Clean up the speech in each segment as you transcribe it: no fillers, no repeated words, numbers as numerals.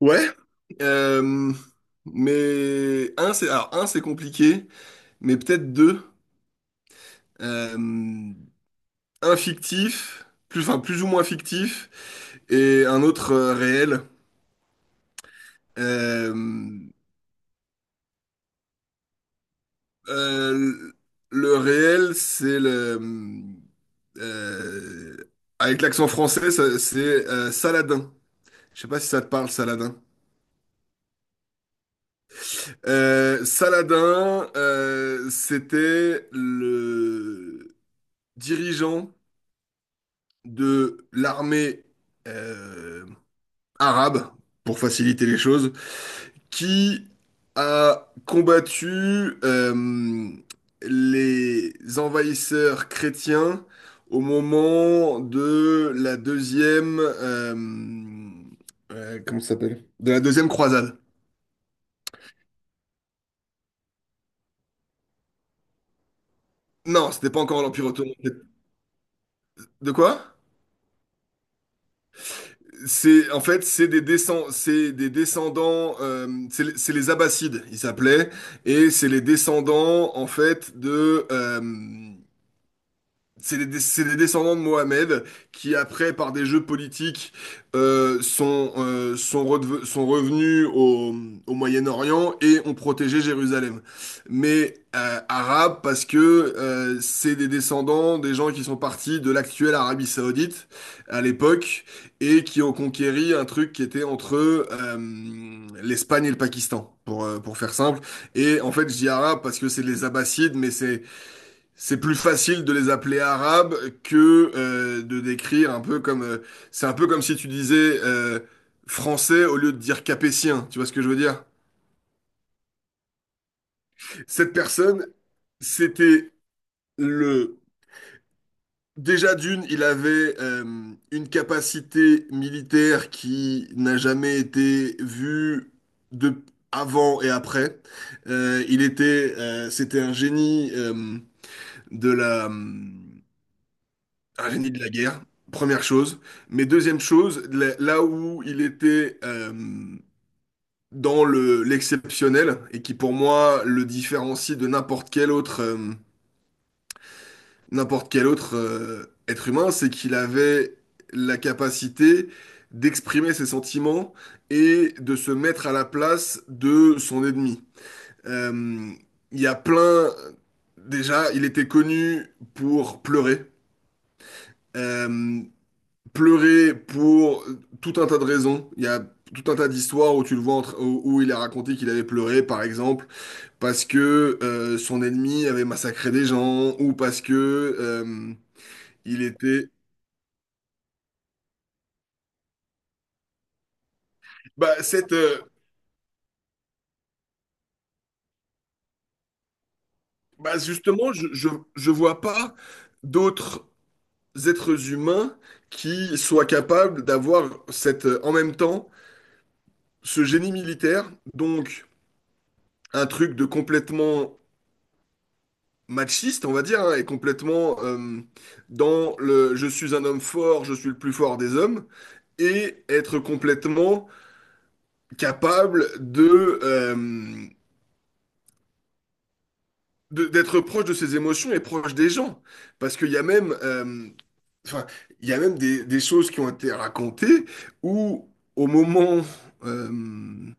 Ouais, euh, mais un c'est compliqué, mais peut-être deux. Euh, un fictif, plus ou moins fictif, et un autre réel. Euh, euh, le réel c'est le euh, avec l'accent français c'est Saladin. Je sais pas si ça te parle Saladin. Saladin, c'était le dirigeant de l'armée euh, arabe, pour faciliter les choses, qui a combattu les envahisseurs chrétiens au moment de la comment ça s'appelle? De la deuxième croisade. Non, c'était pas encore l'Empire ottoman. De quoi? C'est en fait c'est des descendants, c'est les Abbassides ils s'appelaient, et c'est les descendants en fait de c'est les descendants de Mohamed qui, après, par des jeux politiques, sont, sont revenus au Moyen-Orient et ont protégé Jérusalem. Mais arabes parce que c'est des descendants des gens qui sont partis de l'actuelle Arabie Saoudite à l'époque et qui ont conquéri un truc qui était entre l'Espagne et le Pakistan, pour faire simple. Et en fait, je dis arabe parce que c'est les Abbassides, mais c'est plus facile de les appeler arabes que de décrire un peu comme, c'est un peu comme si tu disais français au lieu de dire capétien, tu vois ce que je veux dire? Cette personne, c'était le déjà d'une, il avait une capacité militaire qui n'a jamais été vue de avant et après. Il était c'était un génie de la... Un génie de la guerre, première chose. Mais deuxième chose, là où il était dans l'exceptionnel, et qui pour moi le différencie de n'importe quel autre, être humain, c'est qu'il avait la capacité d'exprimer ses sentiments et de se mettre à la place de son ennemi. Euh, Il y a plein... Déjà, il était connu pour pleurer. Euh, Pleurer pour tout un tas de raisons. Il y a tout un tas d'histoires où tu le où, où il a raconté qu'il avait pleuré, par exemple, parce que son ennemi avait massacré des gens, ou parce que euh, il était. Bah, justement, je vois pas d'autres êtres humains qui soient capables d'avoir cette, en même temps, ce génie militaire, donc un truc de complètement machiste, on va dire, hein, et complètement dans le je suis un homme fort, je suis le plus fort des hommes, et être complètement capable d'être proche de ses émotions et proche des gens. Parce qu'il y a même, enfin, il y a même des choses qui ont été racontées où, au moment, euh,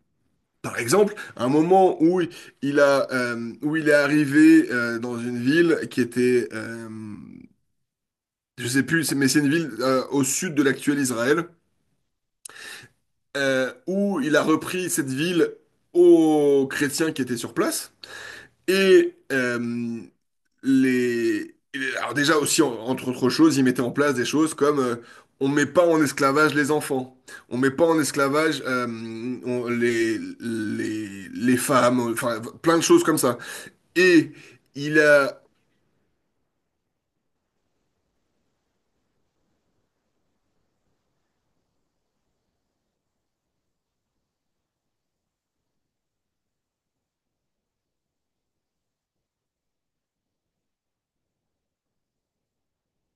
par exemple, un moment où il a, où il est arrivé dans une ville qui était, je sais plus, mais c'est une ville au sud de l'actuel Israël, où il a repris cette ville aux chrétiens qui étaient sur place. Et les... Alors déjà aussi, entre autres choses, ils mettaient en place des choses comme on met pas en esclavage les enfants, on met pas en esclavage les femmes, enfin plein de choses comme ça. Et il a...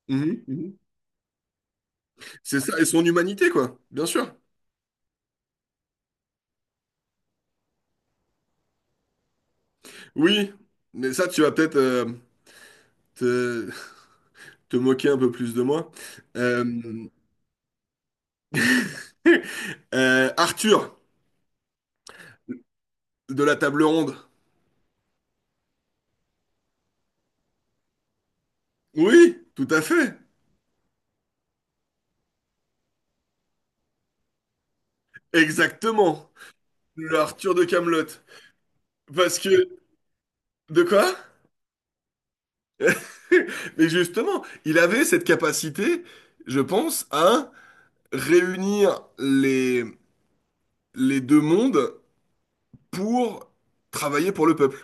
Mhm, mhm. C'est ça, et son humanité, quoi, bien sûr. Oui, mais ça, tu vas peut-être... te, te moquer un peu plus de moi. Euh, Arthur, de la table ronde. Oui, tout à fait. Exactement. Le Arthur de Kaamelott. Parce que... De quoi? Mais justement, il avait cette capacité, je pense, à réunir les deux mondes pour travailler pour le peuple.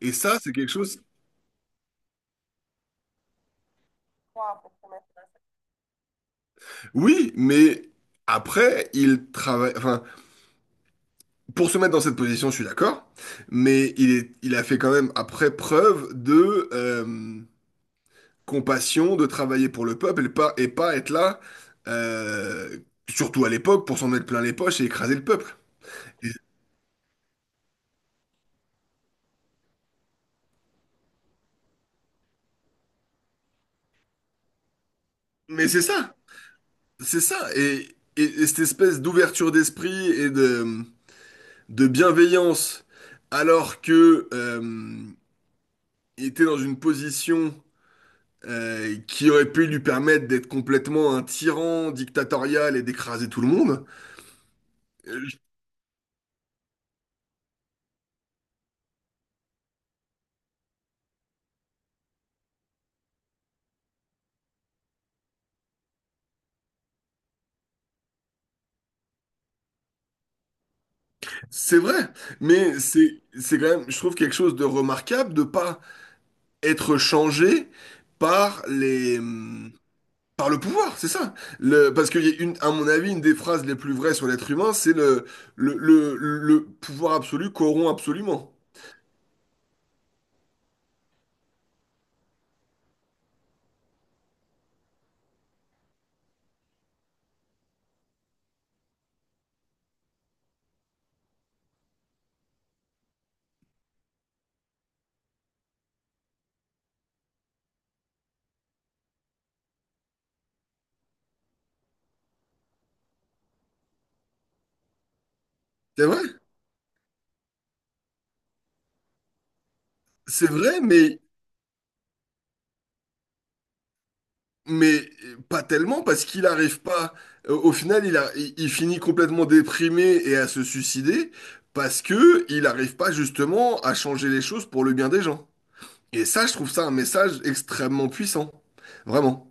Et ça, c'est quelque chose... Oui, mais après, il travaille... Enfin, pour se mettre dans cette position, je suis d'accord, mais il est, il a fait quand même après preuve de compassion, de travailler pour le peuple et pas être là, euh, surtout à l'époque, pour s'en mettre plein les poches et écraser le peuple. Et- mais c'est ça, c'est ça, et, et cette espèce d'ouverture d'esprit de bienveillance, alors que il était dans une position qui aurait pu lui permettre d'être complètement un tyran dictatorial et d'écraser tout le monde. C'est vrai, mais c'est quand même, je trouve quelque chose de remarquable de pas être changé par les par le pouvoir, c'est ça. Parce que y a une, à mon avis, une des phrases les plus vraies sur l'être humain, c'est le le pouvoir absolu corrompt absolument. C'est vrai, c'est vrai, mais pas tellement parce qu'il n'arrive pas. Au final, il finit complètement déprimé et à se suicider parce que il n'arrive pas justement à changer les choses pour le bien des gens. Et ça, je trouve ça un message extrêmement puissant. Vraiment.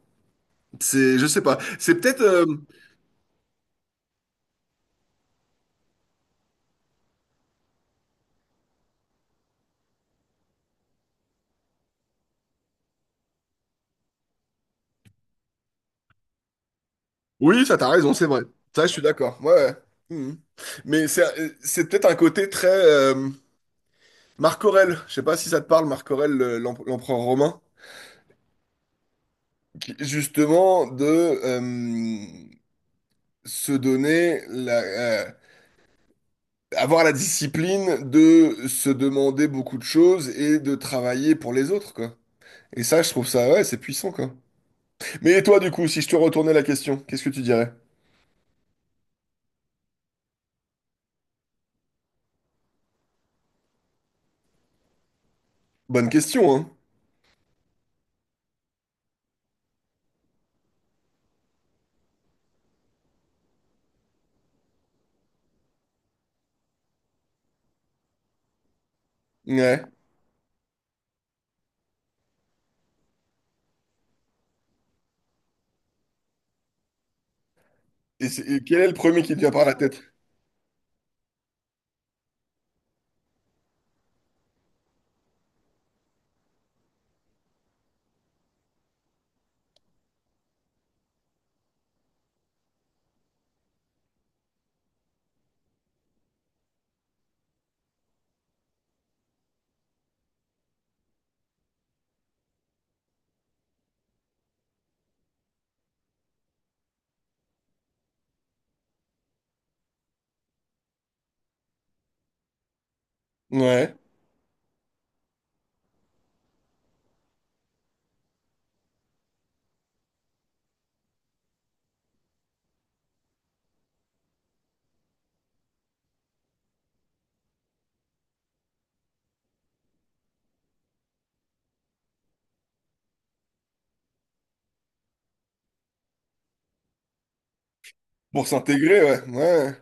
C'est, je sais pas. C'est peut-être. Oui, ça, t'as raison, c'est vrai. Ça, je suis d'accord. Ouais. Ouais. Mhm. Mais c'est peut-être un côté très. Marc Aurèle. Je sais pas si ça te parle, Marc Aurèle, l'empereur romain. Justement, de se donner la. euh, Avoir la discipline de se demander beaucoup de choses et de travailler pour les autres, quoi. Et ça, je trouve ça, ouais, c'est puissant, quoi. Mais toi, du coup, si je te retournais la question, qu'est-ce que tu dirais? Bonne question, hein? Ouais. Et quel est le premier qui te vient par la tête? Ouais. Pour s'intégrer, ouais. Ouais.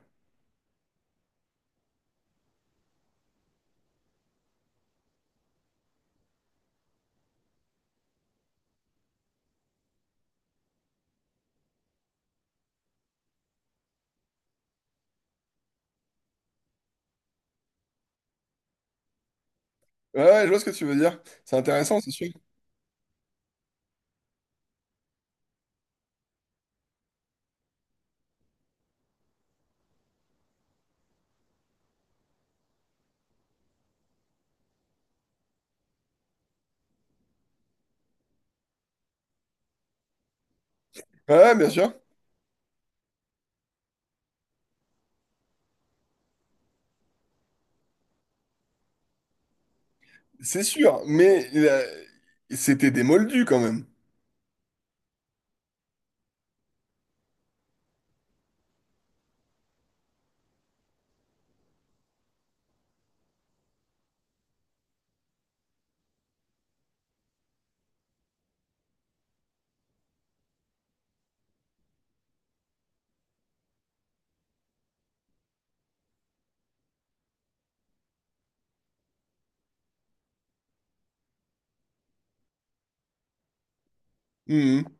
Ouais, ouais, je vois ce que tu veux dire. C'est intéressant, c'est sûr. Ouais, ouais, bien sûr. C'est sûr, mais c'était des moldus quand même. Mhm.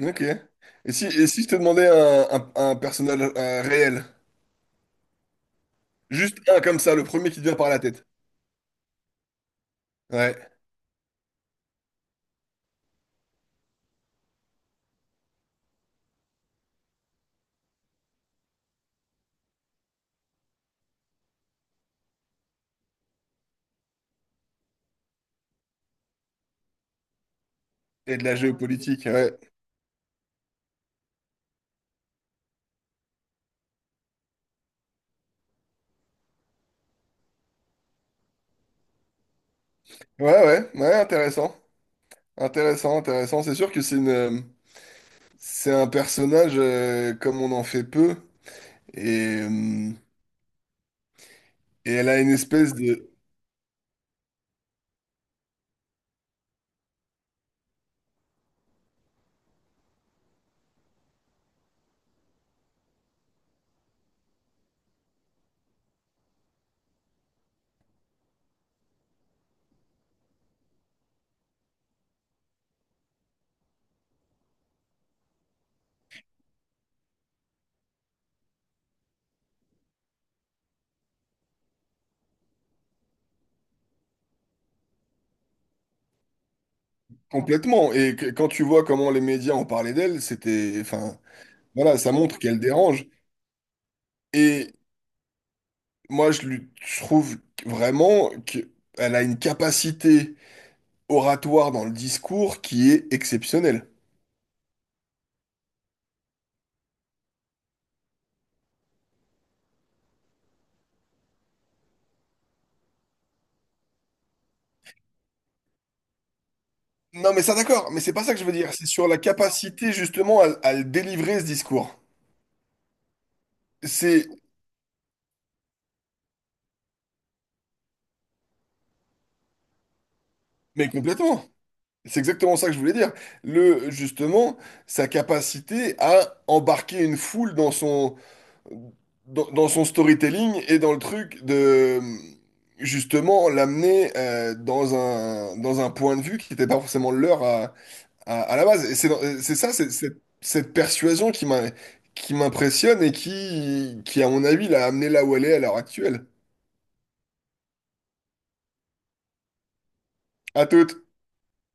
Ok. Et si je te demandais un personnage réel? Juste un comme ça, le premier qui te vient par la tête. Ouais. Et de la géopolitique, ouais. Ouais, ouais, ouais, intéressant. Intéressant, intéressant. C'est sûr que c'est une. C'est un personnage comme on en fait peu et, euh, et elle a une espèce de complètement quand tu vois comment les médias ont parlé d'elle, c'était enfin voilà, ça montre qu'elle dérange et moi je lui je trouve vraiment qu'elle a une capacité oratoire dans le discours qui est exceptionnelle. Non mais ça d'accord, mais c'est pas ça que je veux dire, c'est sur la capacité justement à le délivrer ce discours. C'est mais complètement. C'est exactement ça que je voulais dire. Justement, sa capacité à embarquer une foule dans son, dans son storytelling et dans le truc de, justement, l'amener dans un point de vue qui n'était pas forcément le leur à la base. Et c'est dans- c'est ça, c'est- Cette persuasion qui m'a, qui m'impressionne qui, à mon avis, l'a amené là où elle est à l'heure actuelle. À toute.